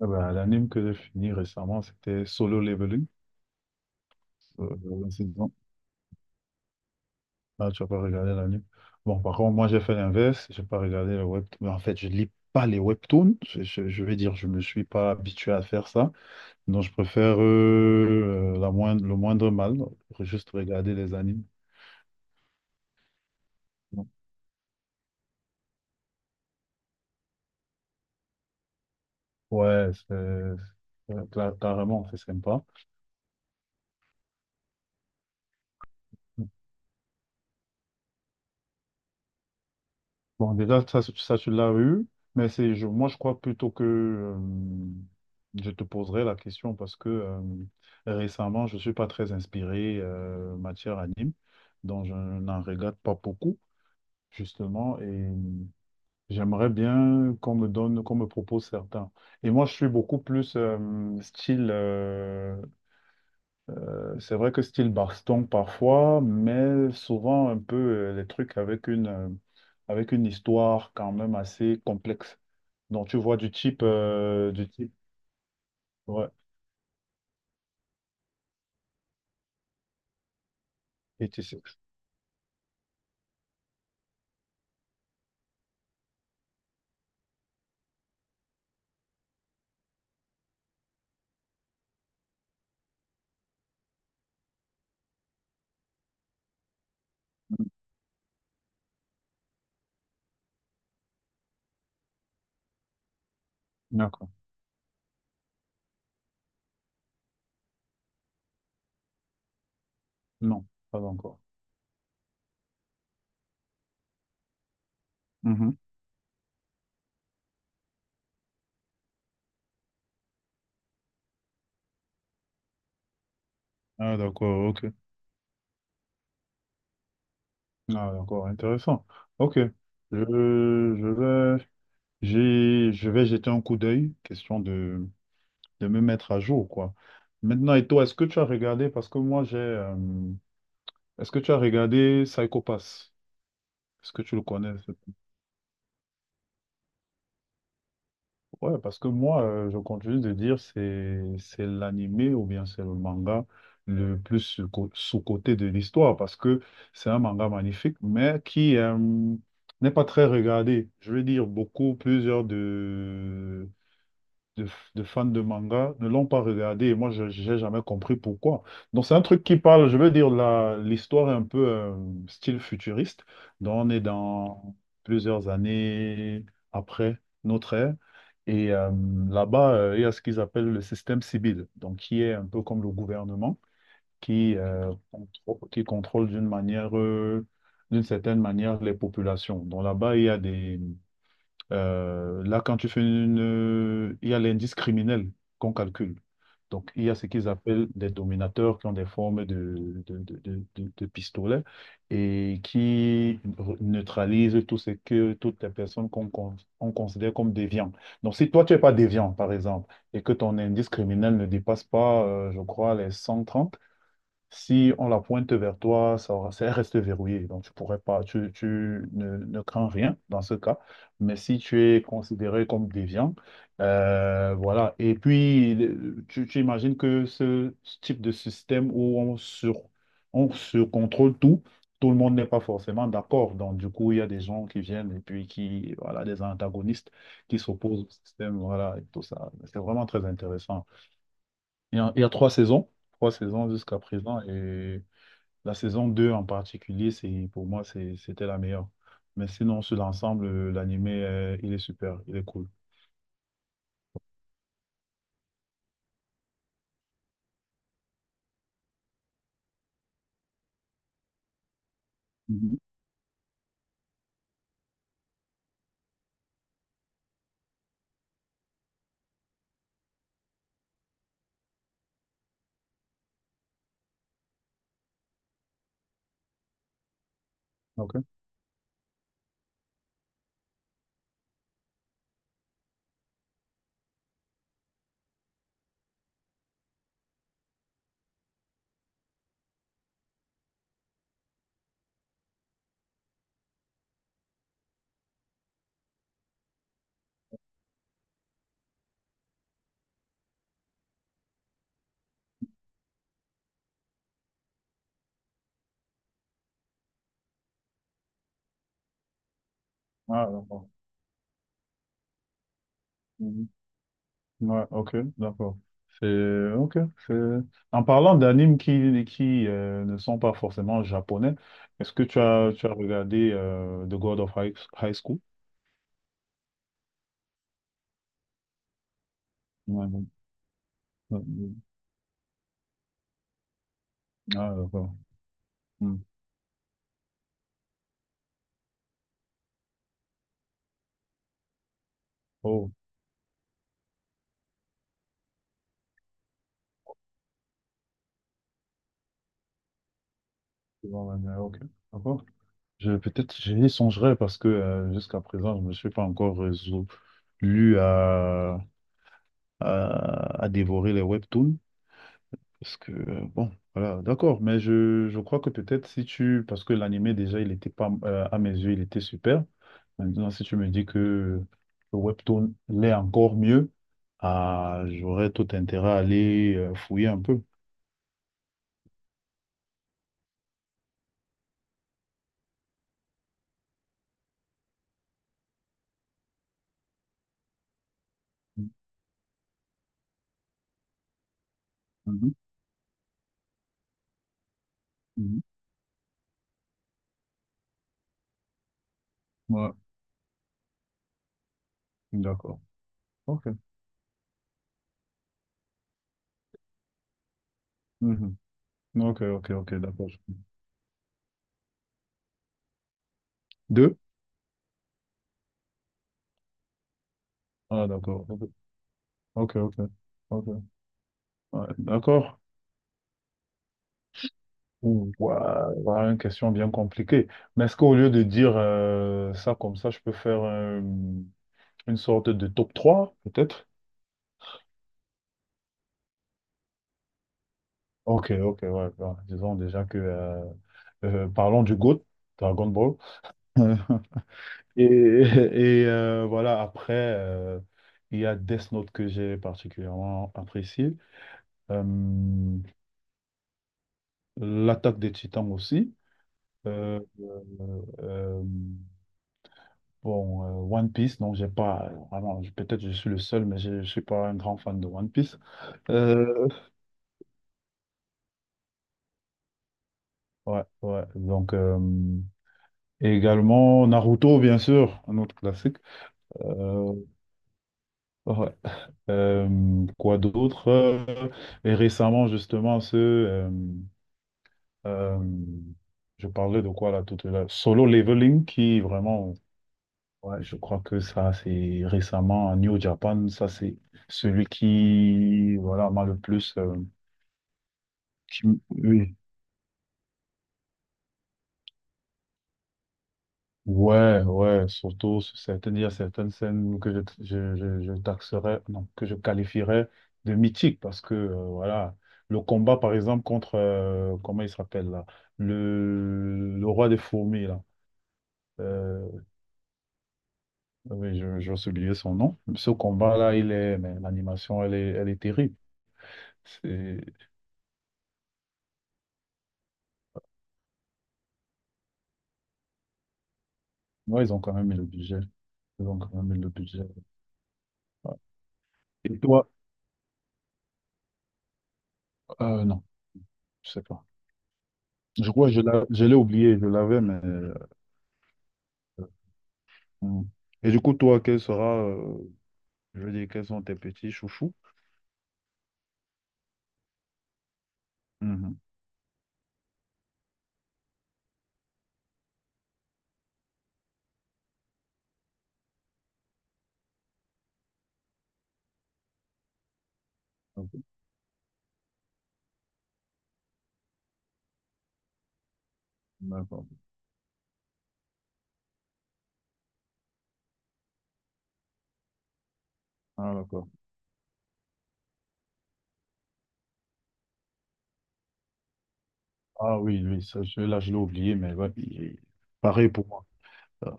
Ah bah, l'anime que j'ai fini récemment, c'était Solo Leveling, euh, la saison. Ah, tu as pas regardé l'anime. Bon, par contre, moi, j'ai fait l'inverse. J'ai pas regardé le webtoon. En fait, je lis pas les webtoons. Je vais dire, je me suis pas habitué à faire ça. Donc, je préfère le moindre mal pour juste regarder les animes. Donc, ouais, carrément, c'est sympa. Bon, déjà, ça tu l'as eu, mais moi, je crois plutôt que je te poserai la question parce que récemment, je ne suis pas très inspiré matière anime, donc je n'en regarde pas beaucoup, justement, et j'aimerais bien qu'on me propose certains. Et moi, je suis beaucoup plus style c'est vrai que style baston parfois, mais souvent un peu les trucs avec avec une histoire quand même assez complexe. Donc tu vois du type, ouais, et tu sais- d'accord. Non, pas encore. Mhm. Ah, d'accord, ok. Ah, d'accord, intéressant. Ok. Je vais, je vais jeter un coup d'œil, question de me mettre à jour, quoi. Maintenant, et toi, est-ce que tu as regardé, parce que moi j'ai, est-ce que tu as regardé Psycho Pass? Est-ce que tu le connais? Ouais, parce que moi, je continue de dire c'est l'animé ou bien c'est le manga le plus sous-coté de l'histoire parce que c'est un manga magnifique, mais qui n'est pas très regardé. Je veux dire, plusieurs de, de fans de manga ne l'ont pas regardé et moi, je n'ai jamais compris pourquoi. Donc, c'est un truc qui parle, je veux dire, l'histoire est un peu style futuriste. Donc, on est dans plusieurs années après notre ère. Et là-bas, il y a ce qu'ils appellent le système civil, donc qui est un peu comme le gouvernement, qui contrôle d'une certaine manière les populations. Donc là-bas, il y a des, là, quand tu fais une... il y a l'indice criminel qu'on calcule. Donc, il y a ce qu'ils appellent des dominateurs qui ont des formes de pistolets et qui neutralisent tout ce que toutes les personnes on considère comme déviants. Donc, si toi, tu n'es pas déviant, par exemple, et que ton indice criminel ne dépasse pas, je crois, les 130, si on la pointe vers toi, ça reste verrouillé. Donc, tu pourrais pas, tu ne, ne crains rien dans ce cas. Mais si tu es considéré comme déviant, voilà. Et puis, tu imagines que ce type de système où on surcontrôle tout, tout le monde n'est pas forcément d'accord. Donc, du coup, il y a des gens qui viennent et puis qui, voilà, des antagonistes qui s'opposent au système, voilà, et tout ça. C'est vraiment très intéressant. Il y a trois saisons jusqu'à présent. Et la saison 2 en particulier, pour moi, c'était la meilleure. Mais sinon, sur l'ensemble, l'anime, il est super, il est cool. Mhm. Ok. Ouais, d'accord. Mhm. Ouais, ok, d'accord. C'est ok. c'est- En parlant d'animes qui ne sont pas forcément japonais, est-ce que tu as regardé The God of High School? Ouais, ouais, ouais. Ah, d'accord. Hmm. Oh, c'est bon, ouais, ouais, ok. D'accord. Peut-être j'y songerai parce que jusqu'à présent, je ne me suis pas encore résolu à dévorer les webtoons. Parce que, bon, voilà, d'accord, mais je crois que peut-être si tu, parce que l'animé déjà, il était pas, à mes yeux, il était super. Maintenant, si tu me dis que le webtoon l'est encore mieux, ah, j'aurais tout intérêt à aller fouiller un peu. Mhm, mhm. Mhm. Ouais, d'accord. Ok. Mhm. Ok, ok, ok, d'accord. Deux? Ah, d'accord. Ok, ok. Ok, ok. Ouais, d'accord. Ouh, ouah, voilà une question bien compliquée. Mais est-ce qu'au lieu de dire ça comme ça, je peux faire une sorte de top trois peut-être? Ok, ok, ouais. Bon, disons déjà que parlons du GOAT, Dragon Ball. Et voilà, après, il y a Death Note que j'ai particulièrement apprécié. Euh, L'attaque des Titans aussi. Euh, euh, bon, One Piece, donc j'ai pas vraiment, peut-être je suis le seul, mais je suis pas un grand fan de One Piece. Euh, ouais, ouais. Donc, et également Naruto, bien sûr, un autre classique. Euh, ouais. Quoi d'autre? Et récemment, justement, ce euh, je parlais de quoi là tout à l'heure? Solo Leveling, qui vraiment. Ouais, je crois que ça, c'est récemment New Japan. Ça, c'est celui qui, voilà, m'a le plus. Oui. Ouais, ouais, surtout, sur certaines, il y a certaines scènes que je taxerais, non, que je qualifierais de mythiques parce que, voilà, le combat, par exemple, contre, comment il s'appelle là, le roi des fourmis, là. Euh, oui, j'ai oublié son nom. Ce combat-là, mais l'animation, elle est terrible. C'est Ouais, ils ont quand même mis le budget. Ils ont quand même mis le budget. Ouais. Et toi, non, je sais pas. Je crois que je l'ai oublié, je l'avais, mais, hmm. Et du coup, toi, quel sera, je veux dire, quels sont tes petits chouchous? Mhm. Ok. D'accord. Ah, d'accord. Ah, oui, oui, ça, celui-là, je l'ai oublié, mais ouais, il est pareil pour moi. Euh,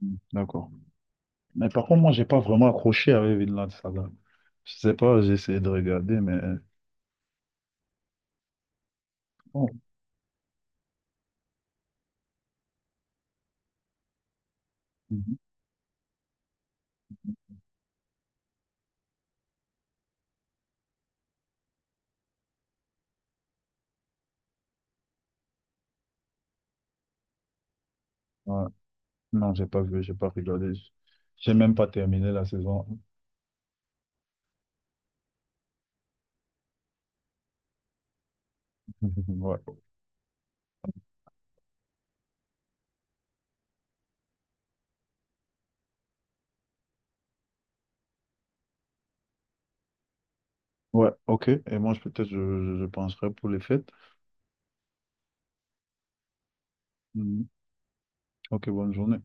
D'accord. Mais par contre, moi, j'ai pas vraiment accroché avec Vinland Saga. Je sais pas, j'ai essayé de regarder, mais bon. Mhm. Ouais. Non, j'ai pas vu, j'ai pas regardé. J'ai même pas terminé la saison. Ouais. Ouais, ok. Et moi, peut-être, je penserai pour les fêtes. Mhm. Ok, bonne journée.